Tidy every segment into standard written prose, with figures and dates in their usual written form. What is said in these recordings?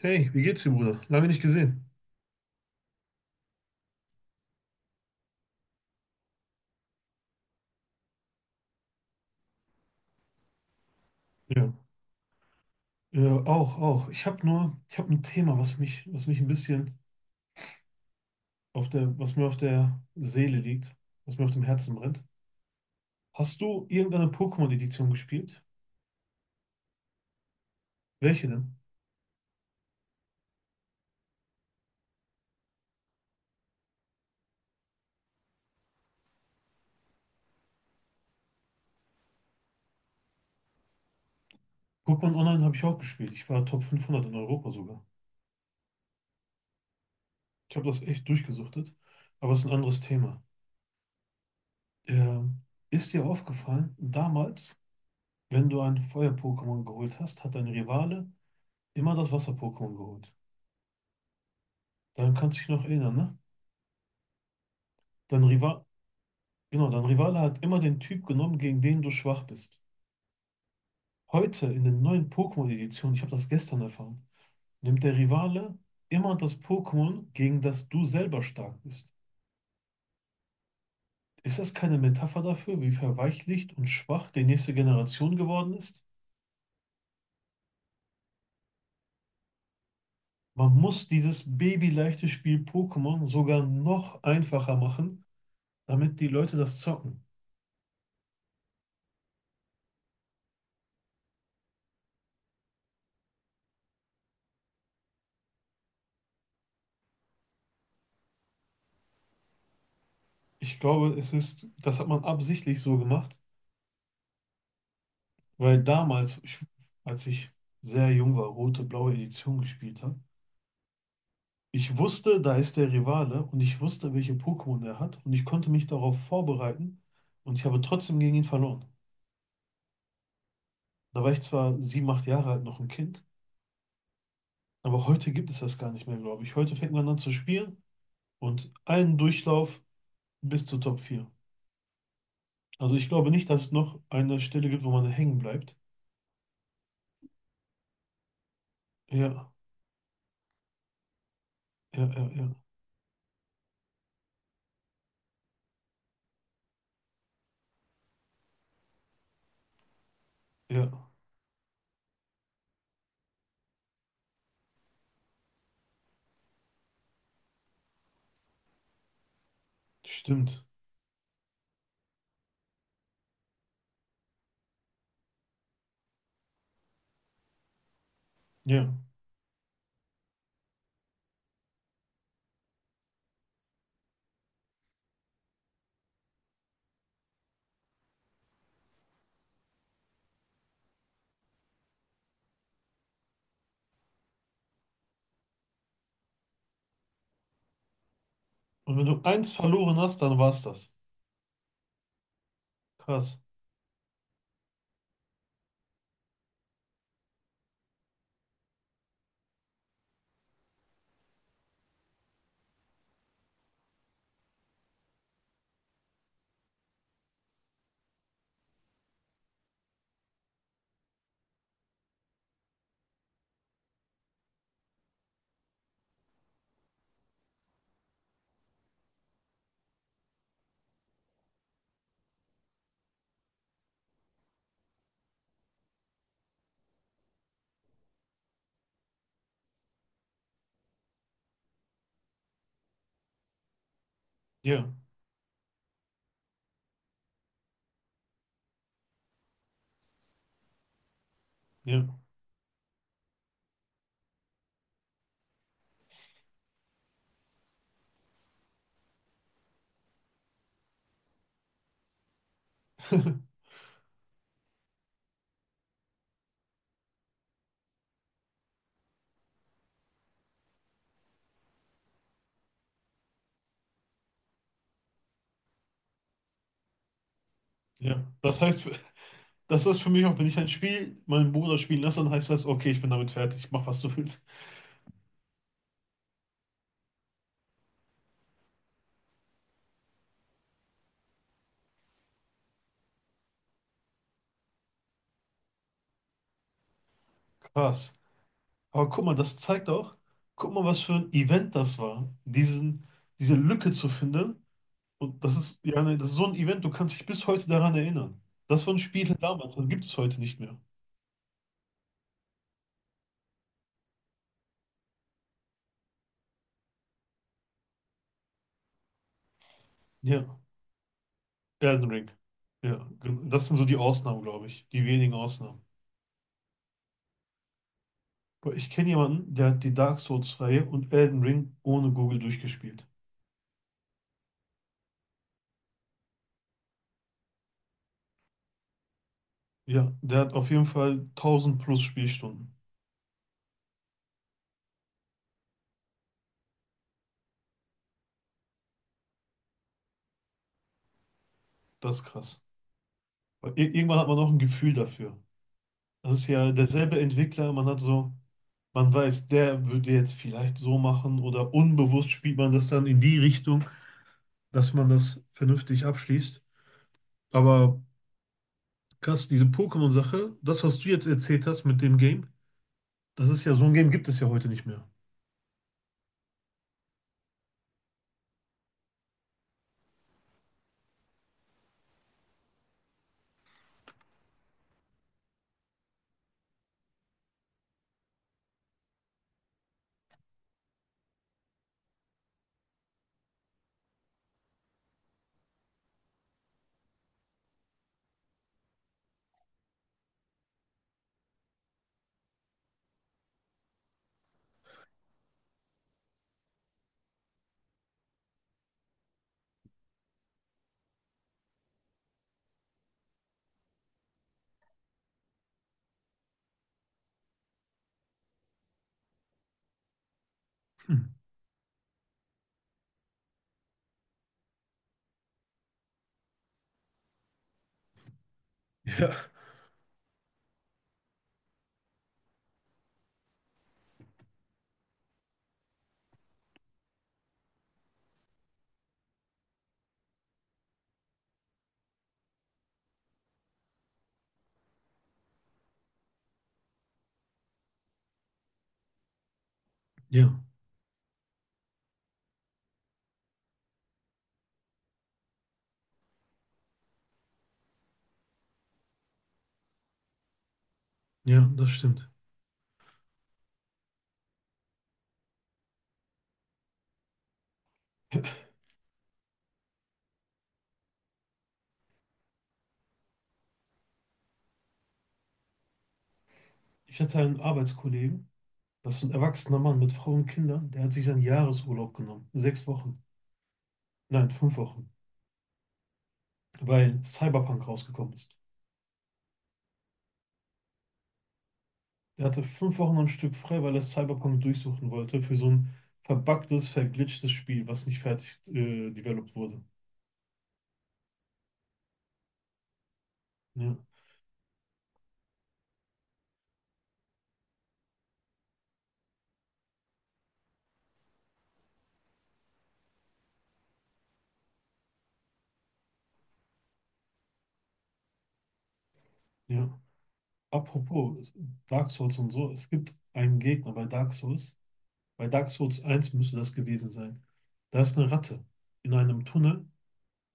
Hey, wie geht's dir, Bruder? Lange nicht gesehen. Ja. Ja, auch, auch. Ich habe ein Thema, was mich ein bisschen was mir auf der Seele liegt, was mir auf dem Herzen brennt. Hast du irgendeine Pokémon-Edition gespielt? Welche denn? Pokémon Online habe ich auch gespielt. Ich war Top 500 in Europa sogar. Ich habe das echt durchgesuchtet, aber es ist ein anderes Thema. Ähm, ist dir aufgefallen, damals, wenn du ein Feuer-Pokémon geholt hast, hat dein Rivale immer das Wasser-Pokémon geholt. Daran kannst du dich noch erinnern, ne? Dein Rival, Genau, dein Rivale hat immer den Typ genommen, gegen den du schwach bist. Heute in den neuen Pokémon-Editionen, ich habe das gestern erfahren, nimmt der Rivale immer das Pokémon, gegen das du selber stark bist. Ist das keine Metapher dafür, wie verweichlicht und schwach die nächste Generation geworden ist? Man muss dieses babyleichte Spiel Pokémon sogar noch einfacher machen, damit die Leute das zocken. Ich glaube, es ist, das hat man absichtlich so gemacht. Weil damals, ich, als ich sehr jung war, rote-blaue Edition gespielt habe, ich wusste, da ist der Rivale und ich wusste, welche Pokémon er hat und ich konnte mich darauf vorbereiten und ich habe trotzdem gegen ihn verloren. Da war ich zwar 7, 8 Jahre alt, noch ein Kind, aber heute gibt es das gar nicht mehr, glaube ich. Heute fängt man an zu spielen und einen Durchlauf bis zu Top 4. Also ich glaube nicht, dass es noch eine Stelle gibt, wo man hängen bleibt. Ja, ja, ja, ja, ja, stimmt. Ja. Und wenn du eins verloren hast, dann war's das. Krass. Ja, ja, ja. Das heißt, das ist für mich auch, wenn ich ein Spiel meinen Bruder spielen lasse, dann heißt das, okay, ich bin damit fertig, mach was du willst. Krass. Aber guck mal, das zeigt auch, guck mal, was für ein Event das war, diese Lücke zu finden. Und das ist, ja, ne, das ist so ein Event, du kannst dich bis heute daran erinnern. Das waren Spiele damals, das gibt es heute nicht mehr. Ja, Elden Ring. Ja, das sind so die Ausnahmen, glaube ich, die wenigen Ausnahmen. Boah, ich kenne jemanden, der hat die Dark Souls-Reihe und Elden Ring ohne Google durchgespielt. Ja, der hat auf jeden Fall 1.000 plus Spielstunden. Das ist krass. Weil irgendwann hat man auch ein Gefühl dafür. Das ist ja derselbe Entwickler, man hat so, man weiß, der würde jetzt vielleicht so machen oder unbewusst spielt man das dann in die Richtung, dass man das vernünftig abschließt. Aber krass, diese Pokémon-Sache, das, was du jetzt erzählt hast mit dem Game, das ist ja, so ein Game gibt es ja heute nicht mehr. Hm. Ja, ja, ja, das stimmt. Ich hatte einen Arbeitskollegen, das ist ein erwachsener Mann mit Frau und Kindern, der hat sich seinen Jahresurlaub genommen. 6 Wochen. Nein, 5 Wochen. Weil Cyberpunk rausgekommen ist. Der hatte 5 Wochen am Stück frei, weil er Cyberpunk durchsuchen wollte für so ein verbuggtes, verglitchtes Spiel, was nicht fertig developed wurde. Ja, ja. Apropos Dark Souls und so, es gibt einen Gegner bei Dark Souls. Bei Dark Souls 1 müsste das gewesen sein. Da ist eine Ratte in einem Tunnel.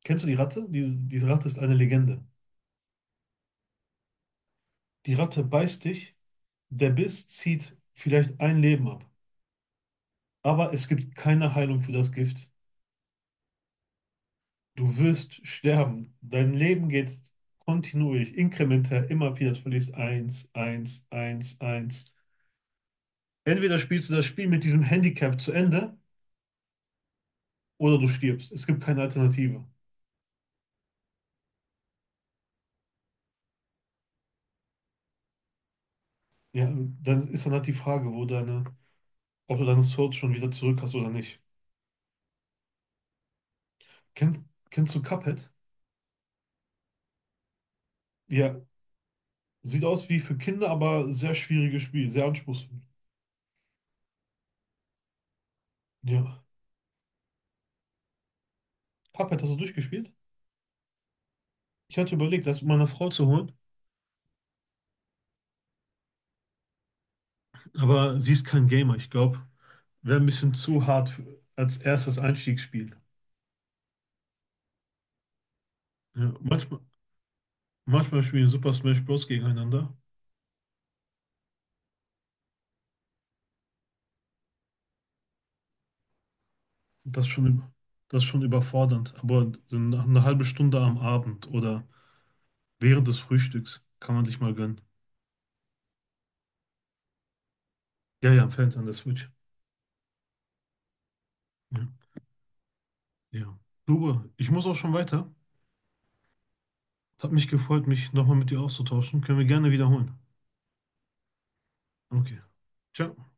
Kennst du die Ratte? Diese Ratte ist eine Legende. Die Ratte beißt dich. Der Biss zieht vielleicht ein Leben ab, aber es gibt keine Heilung für das Gift. Du wirst sterben. Dein Leben geht kontinuierlich, inkrementell, immer wieder. Du verlierst eins, eins, eins, eins. Entweder spielst du das Spiel mit diesem Handicap zu Ende oder du stirbst. Es gibt keine Alternative. Ja, dann ist dann halt die Frage, wo deine, ob du deine Souls schon wieder zurück hast oder nicht. Kennt, kennst du Cuphead? Ja, sieht aus wie für Kinder, aber sehr schwieriges Spiel, sehr anspruchsvoll. Ja. Cuphead hast du durchgespielt? Ich hatte überlegt, das meiner Frau zu holen, aber sie ist kein Gamer. Ich glaube, wäre ein bisschen zu hart als erstes Einstiegsspiel. Ja, manchmal spielen Super Smash Bros. Gegeneinander. Das ist schon, das ist schon überfordernd. Aber so nach einer halben Stunde am Abend oder während des Frühstücks kann man sich mal gönnen. Ja, ja, Fans an der Switch. Ja. Ja. Lube, ich muss auch schon weiter. Hat mich gefreut, mich nochmal mit dir auszutauschen. Können wir gerne wiederholen. Okay. Ciao.